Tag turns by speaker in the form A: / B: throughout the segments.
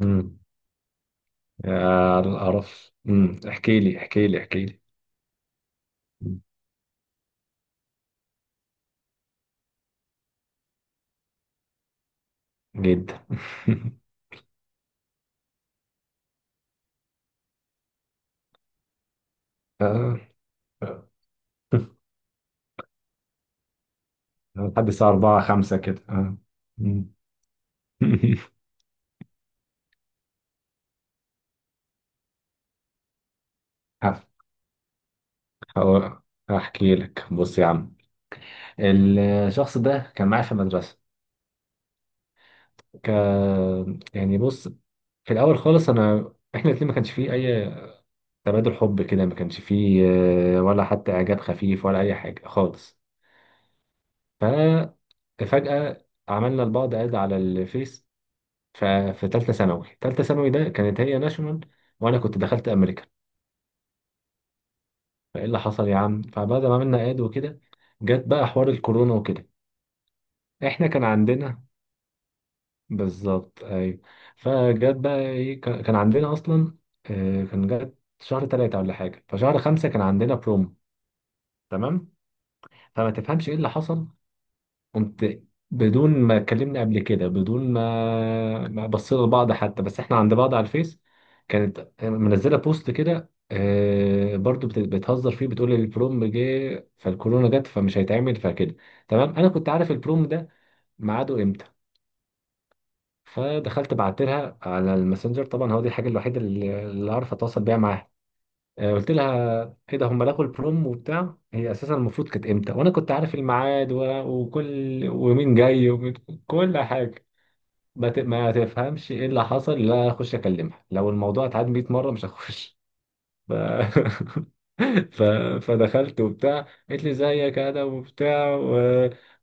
A: امم. على القرف، احكي لي احكي لي احكي لي. مم. جدا. آه. آه. لحد الساعة 4 5 كده، آه. مم. هف- هو- هحكي لك. بص يا عم، الشخص ده كان معايا في المدرسة. ك... يعني بص، في الأول خالص إحنا الاتنين ما كانش فيه أي تبادل حب كده، ما كانش فيه ولا حتى إعجاب خفيف ولا أي حاجة خالص. ففجأة عملنا لبعض اد على الفيس. ففي تالتة ثانوي ده كانت هي ناشونال، وأنا كنت دخلت أمريكان. فإيه اللي حصل يا عم، فبعد ما عملنا إعداد وكده جت بقى حوار الكورونا وكده. إحنا كان عندنا، بالظبط، أيوة. فجت بقى إيه، كان عندنا أصلا. كان جت شهر 3 ولا حاجة، فشهر خمسة كان عندنا بروم. تمام. فما تفهمش إيه اللي حصل. قمت بدون ما كلمني قبل كده، بدون ما بصينا لبعض حتى، بس احنا عند بعض على الفيس. كانت منزله بوست كده، برضو بتهزر فيه، بتقول البروم جه فالكورونا جت فمش هيتعمل فكده. تمام، انا كنت عارف البروم ده ميعاده امتى. فدخلت بعت لها على الماسنجر، طبعا هو دي الحاجه الوحيده اللي اعرف اتواصل بيها معاها. قلت لها ايه ده، هم لغوا البروم وبتاع. هي اساسا المفروض كانت امتى؟ وانا كنت عارف الميعاد وكل، ومين جاي، وكل حاجه. ما تفهمش ايه اللي حصل. لا اخش اكلمها، لو الموضوع اتعاد 100 مره مش هخش. ف... ف... فدخلت وبتاع، قالت لي زيك انا وبتاع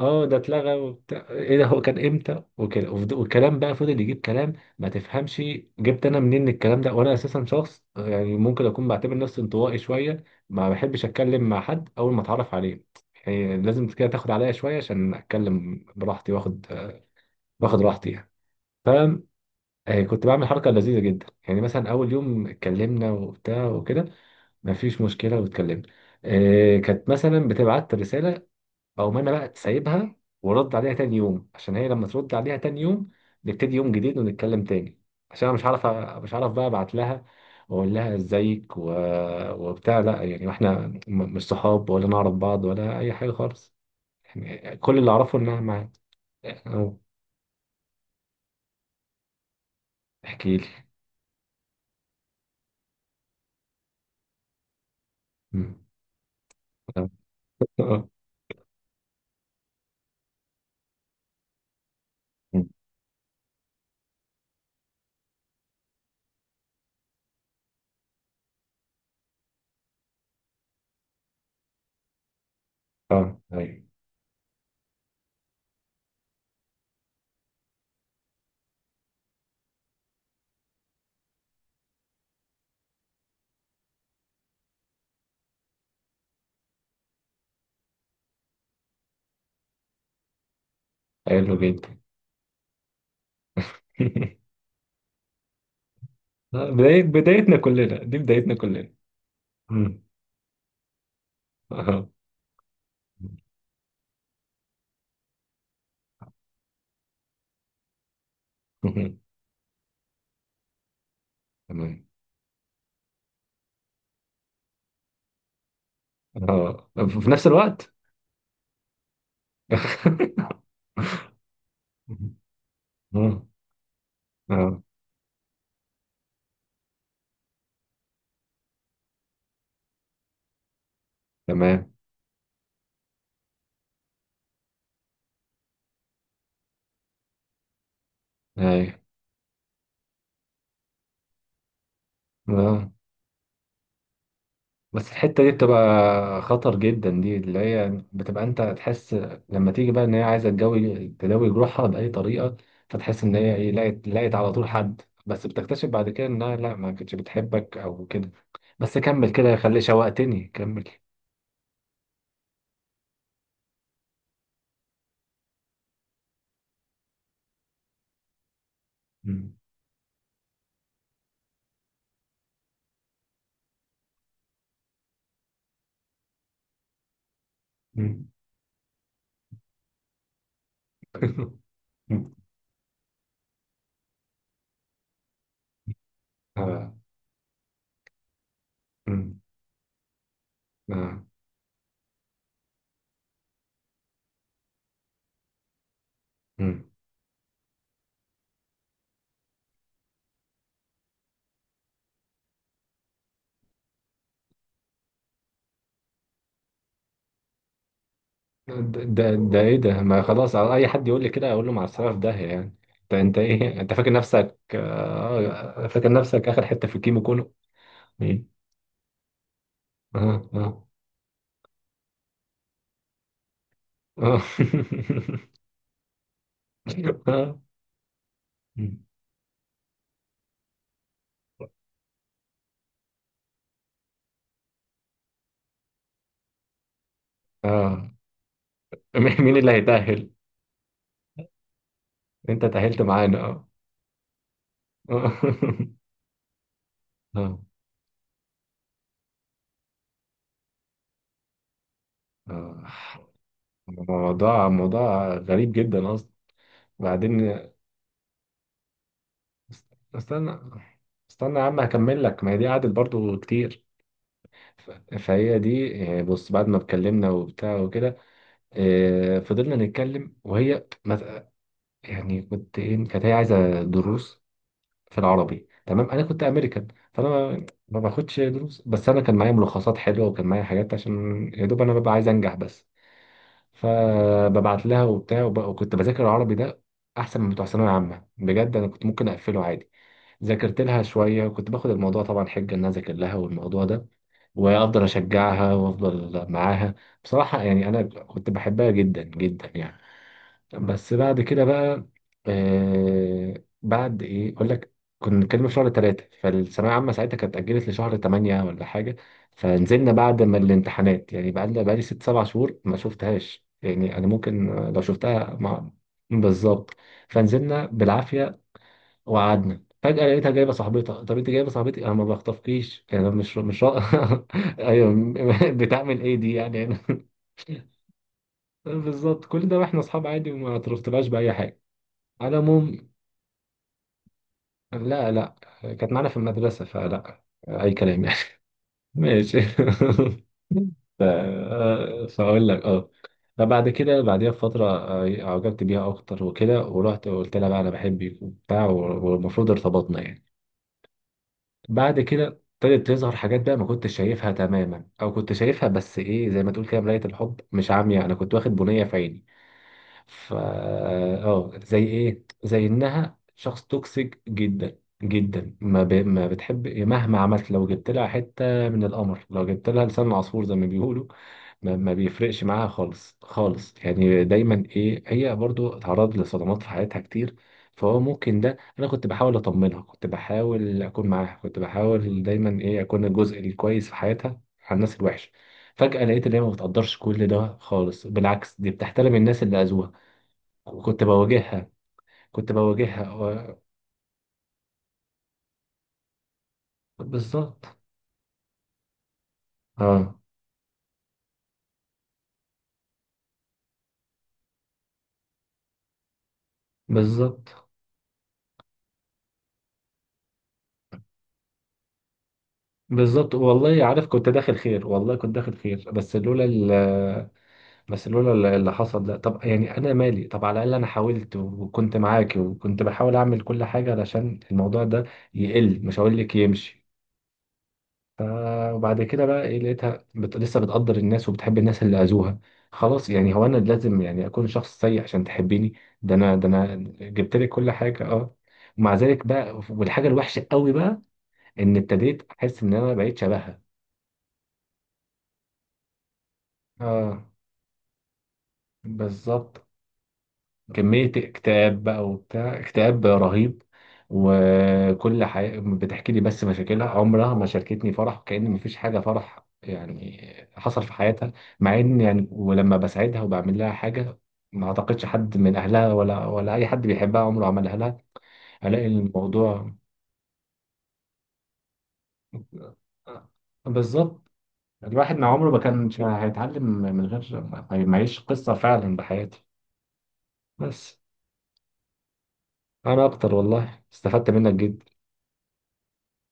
A: اه ده اتلغى وبتاع، ايه ده، هو كان امتى وكده. والكلام بقى فضل يجيب كلام. ما تفهمش جبت انا منين الكلام ده؟ وانا اساسا شخص يعني ممكن اكون بعتبر نفسي انطوائي شويه، ما بحبش اتكلم مع حد اول ما اتعرف عليه. يعني لازم كده تاخد عليا شويه عشان اتكلم براحتي، واخد راحتي يعني. ف كنت بعمل حركه لذيذه جدا يعني. مثلا اول يوم اتكلمنا وبتاع وكده، ما فيش مشكلة، واتكلمنا. كانت مثلا بتبعت رسالة أو أنا بقى سايبها، ورد عليها تاني يوم، عشان هي لما ترد عليها تاني يوم نبتدي يوم جديد ونتكلم تاني. عشان أنا مش عارف بقى أبعت لها وأقول لها إزيك وبتاع. لا يعني، وإحنا مش صحاب ولا نعرف بعض ولا أي حاجة خالص، يعني كل اللي أعرفه إنها معايا. أهو. احكي لي. مم. اه. أيوه. حلو جدا. بدايتنا كلنا، دي بدايتنا كلنا. آه. تمام. اه، في نفس الوقت. اه اه. تمام. ايوه. اه. بس الحتة دي بتبقى خطر جدا، دي اللي هي بتبقى انت تحس لما تيجي بقى ان هي عايزة تداوي جروحها بأي طريقة. فتحس ان هي ايه، لقت على طول حد، بس بتكتشف بعد كده انها لا، ما كانتش بتحبك او كده. بس كمل كده، خلي شوقتني، كمل. مم. مم. آه. مم. آه. مم. ده ايه ده؟ ما خلاص، على اي حد يقول لي كده اقول له مع السلامه، في داهيه يعني. انت ايه؟ انت فاكر نفسك آه فاكر نفسك اخر حته في الكيمو كله. ايه. اه اه اه. اه. آه. مين مين اللي هيتأهل؟ انت تأهلت معانا. اه اه. اه. آه. موضوع موضوع غريب جدا اصلا. بعدين است- استنى استنى يا عم، هكمل لك، ما هي دي قعدت برضو كتير. ف- فهي دي بص، بعد ما اتكلمنا وبتاع وكده فضلنا نتكلم، وهي يعني كنت ايه كانت هي عايزه دروس في العربي. تمام، انا كنت امريكان، فانا ما باخدش دروس، بس انا كان معايا ملخصات حلوه، وكان معايا حاجات، عشان يا دوب انا ببقى عايز انجح بس. فببعت لها وبتاع، وكنت بذاكر العربي ده احسن من بتوع ثانويه عامه بجد، انا كنت ممكن اقفله عادي. ذاكرت لها شويه، وكنت باخد الموضوع طبعا حجه ان انا اذاكر لها، والموضوع ده وافضل اشجعها وافضل معاها. بصراحه يعني انا كنت بحبها جدا جدا يعني. بس بعد كده بقى، بعد ايه اقول لك، كنا بنتكلم في شهر 3، فالثانوية العامة ساعتها كانت اتأجلت لشهر ثمانية ولا حاجة. فنزلنا بعد ما الامتحانات يعني، بقى لنا بقالي 6 7 شهور ما شفتهاش، يعني انا ممكن لو شفتها بالظبط. فنزلنا بالعافية وقعدنا، فجأة لقيتها جايبة صاحبتها. طب انت جايبة صاحبتي، انا ما بخطفكيش يعني، انا مش. ايوه. بتعمل ايه دي يعني. بالظبط، كل ده واحنا اصحاب عادي، وما اعترفتلهاش بأي حاجة. على العموم، لا لا، كانت معانا في المدرسة، فلا أي كلام يعني. ماشي. فأقول لك. اه فبعد كده بعديها بفترة، أعجبت بيها أكتر وكده، ورحت وقلت لها بقى أنا بحبك وبتاع، والمفروض ارتبطنا يعني. بعد كده ابتدت تظهر حاجات بقى ما كنتش شايفها تماما، أو كنت شايفها بس إيه زي ما تقول كده، مراية الحب مش عامية، أنا كنت واخد بنية في عيني. ف زي انها شخص توكسيك جدا جدا، ما بتحب مهما عملت، لو جبت لها حته من القمر، لو جبت لها لسان عصفور زي ما بيقولوا. ما بيفرقش معاها خالص خالص يعني. دايما ايه، هي برضو اتعرضت لصدمات في حياتها كتير. فهو ممكن ده، انا كنت بحاول اطمنها، كنت بحاول اكون معاها، كنت بحاول دايما ايه اكون الجزء الكويس في حياتها على الناس الوحشه. فجأة لقيت ان هي ما بتقدرش كل ده خالص، بالعكس دي بتحترم الناس اللي اذوها. كنت بواجهها. كنت بواجهها بالظبط. اه. بالظبط بالظبط، والله عارف كنت داخل خير، والله كنت داخل خير. بس لولا اللي حصل ده. طب يعني انا مالي، طب على الاقل انا حاولت وكنت معاكي، وكنت بحاول اعمل كل حاجه علشان الموضوع ده يقل، مش هقول لك يمشي. ف- وبعد كده بقى ايه، لقيتها لسه بتقدر الناس وبتحب الناس اللي اذوها. خلاص يعني، هو انا لازم يعني اكون شخص سيء عشان تحبيني؟ ده انا، ده انا جبت لك كل حاجه. اه. ومع ذلك بقى، والحاجه الوحشه قوي بقى، ان ابتديت احس ان انا بقيت شبهها. اه، بالظبط. كمية اكتئاب بقى وبتاع، اكتئاب رهيب. بتحكي لي بس مشاكلها، عمرها ما شاركتني فرح، كأن مفيش حاجة فرح يعني حصل في حياتها. مع ان يعني، ولما بساعدها وبعمل لها حاجة، ما اعتقدش حد من اهلها ولا اي حد بيحبها عمره عملها لها. الاقي الموضوع، بالظبط، الواحد مع عمره ما كانش هيتعلم من غير ما يعيش قصة فعلا بحياته. بس انا اكتر، والله استفدت منك جدا.